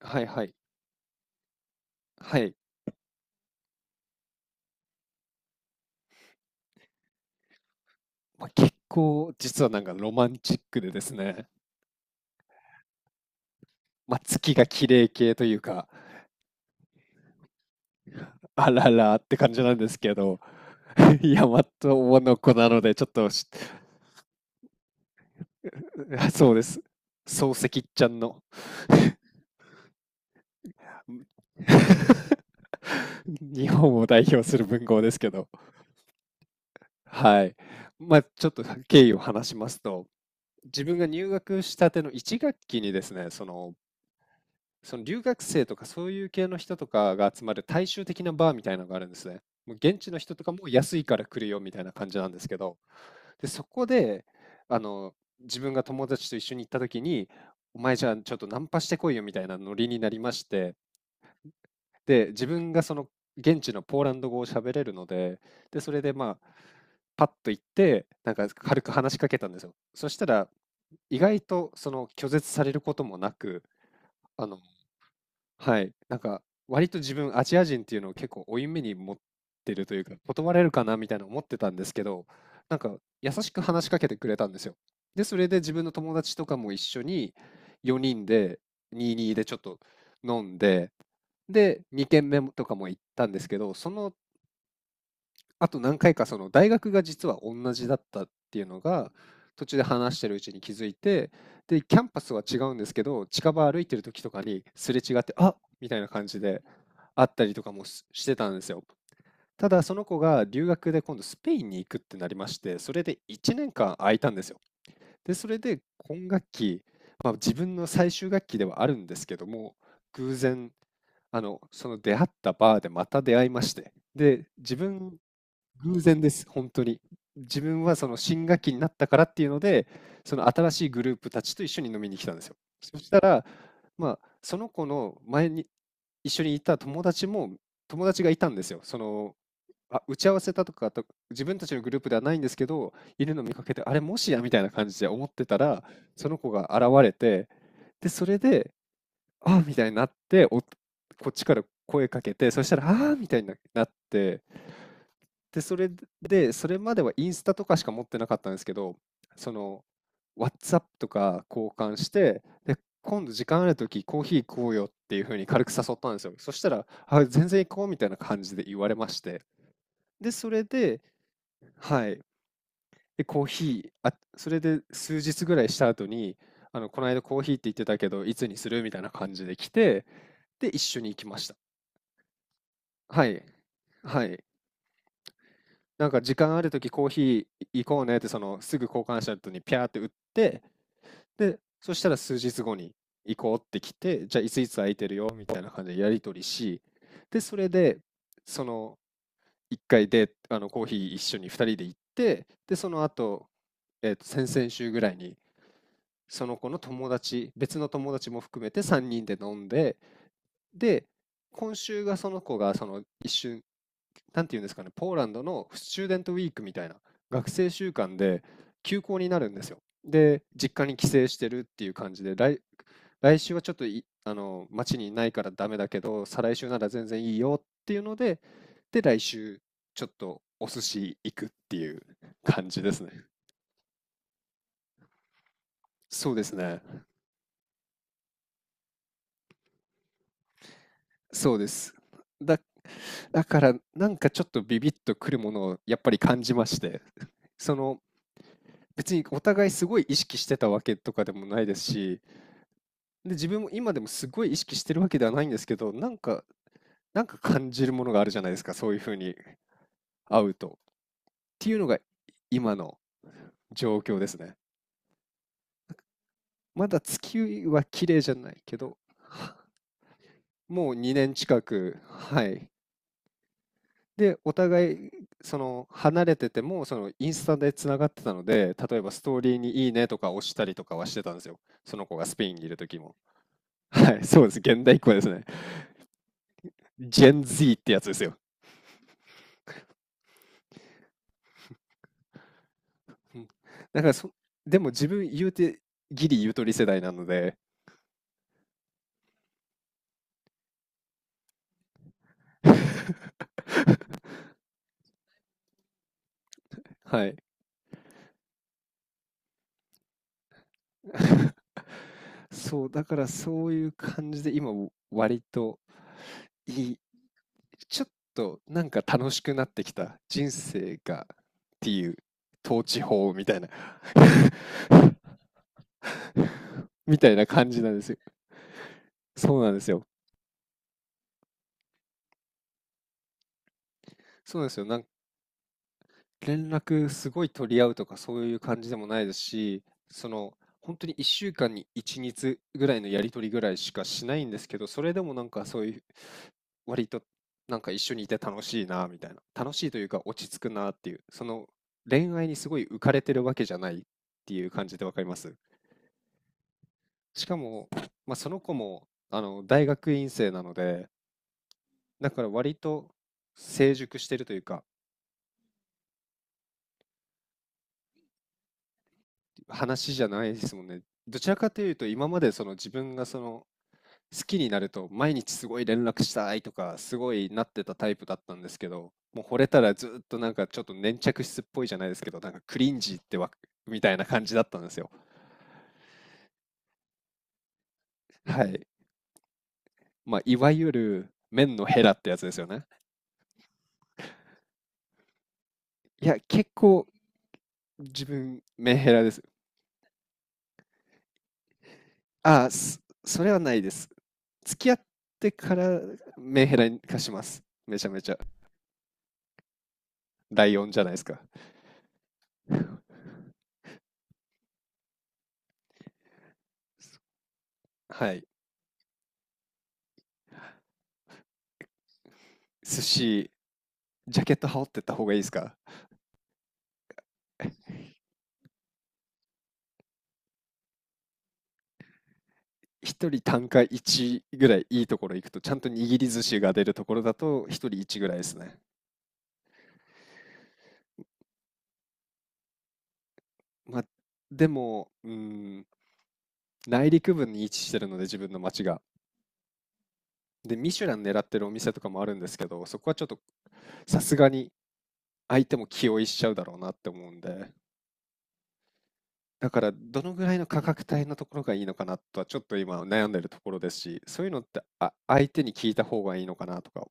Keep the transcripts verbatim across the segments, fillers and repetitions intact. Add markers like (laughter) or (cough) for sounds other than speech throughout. はいはい。はい。まあ、結構実はなんかロマンチックでですね、まあ、月が綺麗系というか、あららって感じなんですけど、 (laughs)、大和の子なのでちょっとし (laughs) そうです。漱石ちゃんの (laughs)、日本を代表する文豪ですけど、はい。まあ、ちょっと経緯を話しますと、自分が入学したてのいち学期にですね、そのその留学生とかそういう系の人とかが集まる大衆的なバーみたいなのがあるんですね。もう現地の人とかも安いから来るよみたいな感じなんですけど、で、そこで、あの、自分が友達と一緒に行った時に、お前じゃあちょっとナンパしてこいよみたいなノリになりまして、で、自分がその現地のポーランド語を喋れるので、で、それでまあ、パッと行って、なんか軽く話しかけたんですよ。そしたら、意外とその拒絶されることもなく、あの、はい。なんか、割と自分、アジア人っていうのを結構負い目に持ってるというか、断れるかなみたいな思ってたんですけど、なんか、優しく話しかけてくれたんですよ。で、それで自分の友達とかも一緒によにんで、ふたりでちょっと飲んで、で、に軒目もとかも行ったんですけど、そのあと何回かその大学が実は同じだったっていうのが途中で話してるうちに気づいて、で、キャンパスは違うんですけど、近場歩いてる時とかにすれ違って、あっみたいな感じであったりとかもししてたんですよ。ただその子が留学で今度スペインに行くってなりまして、それでいちねんかん空いたんですよ。で、それで今学期、まあ、自分の最終学期ではあるんですけども、偶然、あの、その出会ったバーでまた出会いまして、で、自分偶然です、本当に。自分はその新学期になったからっていうので、その新しいグループたちと一緒に飲みに来たんですよ。そしたら、まあ、その子の前に一緒にいた友達も友達がいたんですよ。その、あ、打ち合わせたとかと自分たちのグループではないんですけど、いるの見かけて、あれ、もしやみたいな感じで思ってたら、その子が現れて、で、それで、ああ、みたいになって、おこっちから声かけて、そしたら、ああ、みたいにななってで、それで、それまではインスタとかしか持ってなかったんですけど、その、WhatsApp とか交換して、で、今度時間あるときコーヒー行こうよっていうふうに軽く誘ったんですよ。そしたら、あ、全然行こうみたいな感じで言われまして。で、それで、はい。で、コーヒー、あ、それで数日ぐらいした後に、あの、この間コーヒーって言ってたけど、いつにするみたいな感じで来て、で、一緒に行きました。はい。はい。なんか時間あるときコーヒー行こうねってそのすぐ交換した後にピャーって打ってで、そしたら数日後に行こうって来て、じゃあいついつ空いてるよみたいな感じでやり取りしで、それでそのいっかいであのコーヒー一緒にふたりで行って、でその後、えーと先々週ぐらいにその子の友達別の友達も含めてさんにんで飲んでで、今週がその子がその一瞬、なんていうんですかね、ポーランドのスチューデントウィークみたいな学生週間で休校になるんですよ。で、実家に帰省してるっていう感じで、来、来週はちょっといあの町にいないからダメだけど、再来週なら全然いいよっていうので、で、来週ちょっとお寿司行くっていう感じですね。そうですね。そうです。だだからなんかちょっとビビッとくるものをやっぱり感じまして (laughs) その別にお互いすごい意識してたわけとかでもないですし、で自分も今でもすごい意識してるわけではないんですけど、なんかなんか感じるものがあるじゃないですか、そういうふうに会うとっていうのが今の状況ですね。まだ月は綺麗じゃないけど、もうにねん近く。はい。で、お互い、その、離れてても、その、インスタでつながってたので、例えばストーリーにいいねとか押したりとかはしてたんですよ。その子がスペインにいる時も。(laughs) はい、そうです。現代っ子ですね。Gen Z ってやつですよ。うん。だからそでも自分言うて、ギリゆとり世代なので、(laughs) はい。(laughs) そう、だからそういう感じで今割といい、ちょっとなんか楽しくなってきた人生がっていう統治法みたいな (laughs) みたいな感じなんですよ。そうなんですよ。そうなんですよ。なんか連絡すごい取り合うとかそういう感じでもないですし、その、ほんにいっしゅうかんにいちにちぐらいのやり取りぐらいしかしないんですけど、それでもなんかそういう、割となんか一緒にいて楽しいなみたいな、楽しいというか落ち着くなっていう、その恋愛にすごい浮かれてるわけじゃないっていう感じでわかります。しかも、まあ、その子もあの、大学院生なので、だから割と成熟してるというか話じゃないですもんね。どちらかというと、今までその自分がその好きになると、毎日すごい連絡したいとか、すごいなってたタイプだったんですけど、もう惚れたらずっとなんかちょっと粘着質っぽいじゃないですけど、なんかクリンジーってわみたいな感じだったんですよ。はい。まあ、いわゆる麺のヘラってやつですよね。いや、結構自分、メンヘラです。ああ、そそれはないです。付き合ってからメンヘラに化します。めちゃめちゃ。ライオンじゃないですか。(laughs) すはい。寿司、ジャケット羽織ってった方がいいですか？一人単価いちぐらい、いいところ行くと、ちゃんと握り寿司が出るところだと、一人いちぐらいですね。まあ、でも、うん、内陸部に位置してるので、自分の町が。で、ミシュラン狙ってるお店とかもあるんですけど、そこはちょっとさすがに相手も気負いしちゃうだろうなって思うんで、だからどのぐらいの価格帯のところがいいのかなとはちょっと今悩んでるところですし、そういうのってあ相手に聞いた方がいいのかなとか、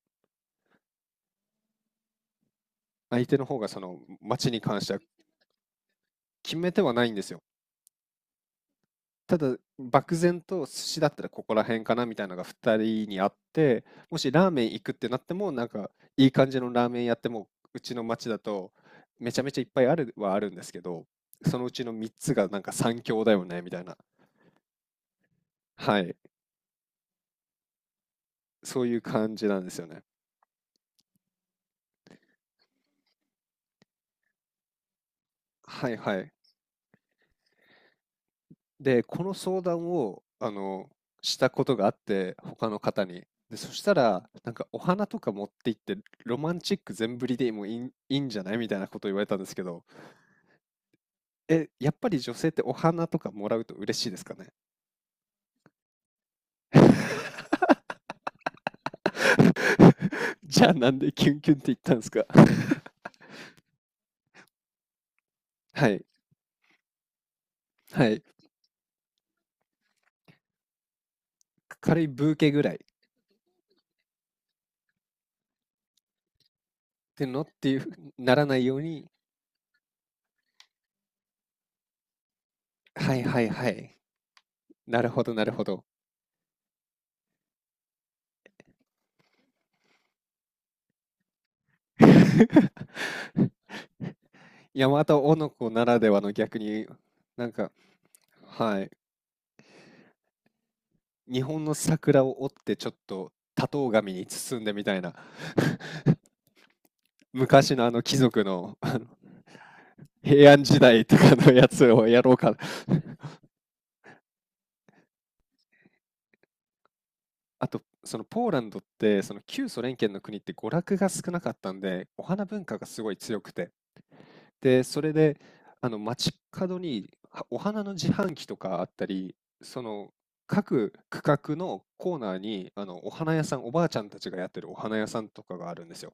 相手の方がその街に関しては決めてはないんですよ。ただ漠然と寿司だったらここら辺かなみたいなのがふたりにあって、もしラーメン行くってなってもなんかいい感じのラーメン屋ってもう、うちの町だとめちゃめちゃいっぱいあるはあるんですけど、そのうちのみっつがなんか三強だよねみたいな。はい。そういう感じなんですよね。はい。はい。で、この相談を、あの、したことがあって、他の方に。で、そしたら、なんかお花とか持って行って、ロマンチック全振りでもいいんいいんじゃないみたいなこと言われたんですけど、え、やっぱり女性ってお花とかもらうと嬉しいですかね？(laughs) じゃあ、なんでキュンキュンって言ったんですか？(laughs) はい、はい。軽いブーケぐらいってのっていうふうにならないように。はいはいはい。なるほどなるほど。(laughs) 山形男ならではの逆に、なんか、はい。日本の桜を折ってちょっと多頭紙に包んでみたいな。 (laughs) 昔のあの貴族のあの平安時代とかのやつをやろうかな。 (laughs) あと、そのポーランドって、その旧ソ連圏の国って娯楽が少なかったんで、お花文化がすごい強くて。で、それで、あの街角にはお花の自販機とかあったり、その各区画のコーナーにあのお花屋さん、おばあちゃんたちがやってるお花屋さんとかがあるんですよ。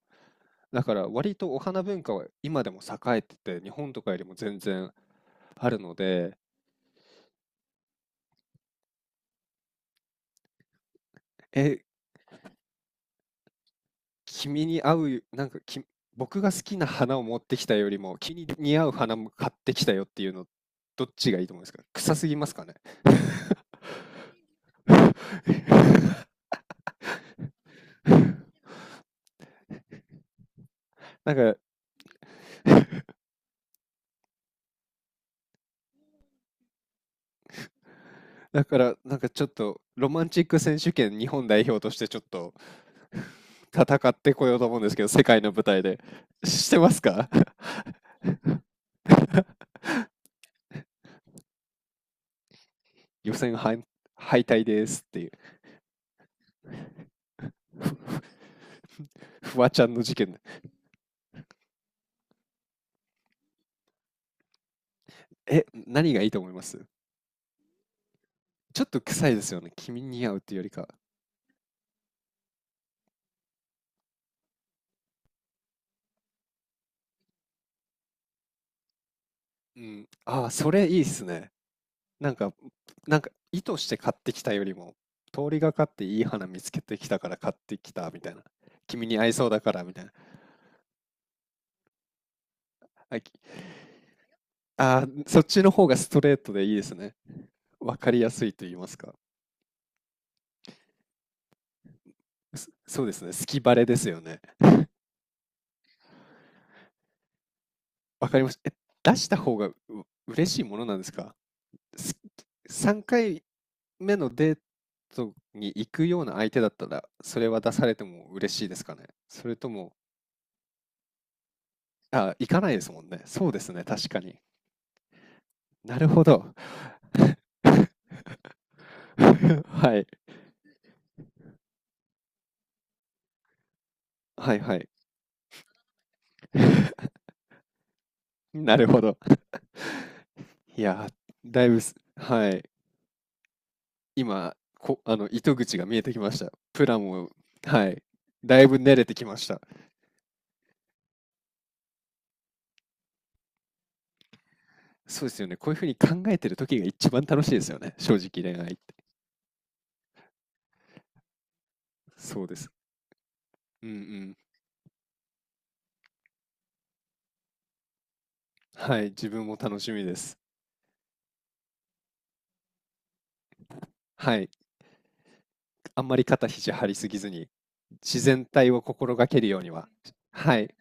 だから割とお花文化は今でも栄えてて、日本とかよりも全然あるので、え、君に合う、なんかき、僕が好きな花を持ってきたよりも、君に似合う花も買ってきたよっていうの、どっちがいいと思いますか？臭すぎますかね？ (laughs) なんか、だから、なんかちょっと、ロマンチック選手権日本代表としてちょっと戦ってこようと思うんですけど、世界の舞台で。してますか？ (laughs) 予選敗敗退ですっていう。 (laughs) フワちゃんの事件。え、何がいいと思いますちょっと臭いですよね、君に似合うっていうよりか。うん、ああ、それいいっすね。なんかなんか意図して買ってきたよりも、通りがかっていい花見つけてきたから買ってきたみたいな、君に合いそうだからみたいな。あきああ、そっちの方がストレートでいいですね。わかりやすいと言いますか。そ、そうですね。好きバレですよね。わかりました。え、出した方がう嬉しいものなんですか？すさんかいめのデートに行くような相手だったら、それは出されても嬉しいですかね？それとも、あ、行かないですもんね。そうですね。確かに。なるほど。(laughs) はい。はいはい。(laughs) なるほど。いやー、だいぶす、はい。今、こ、あの、糸口が見えてきました。プランを、はい。だいぶ練れてきました。そうですよね。こういうふうに考えてる時が一番楽しいですよね。正直恋愛って。そうです。うんうん。はい。自分も楽しみです。はい。あんまり肩肘張りすぎずに、自然体を心がけるようには。はい。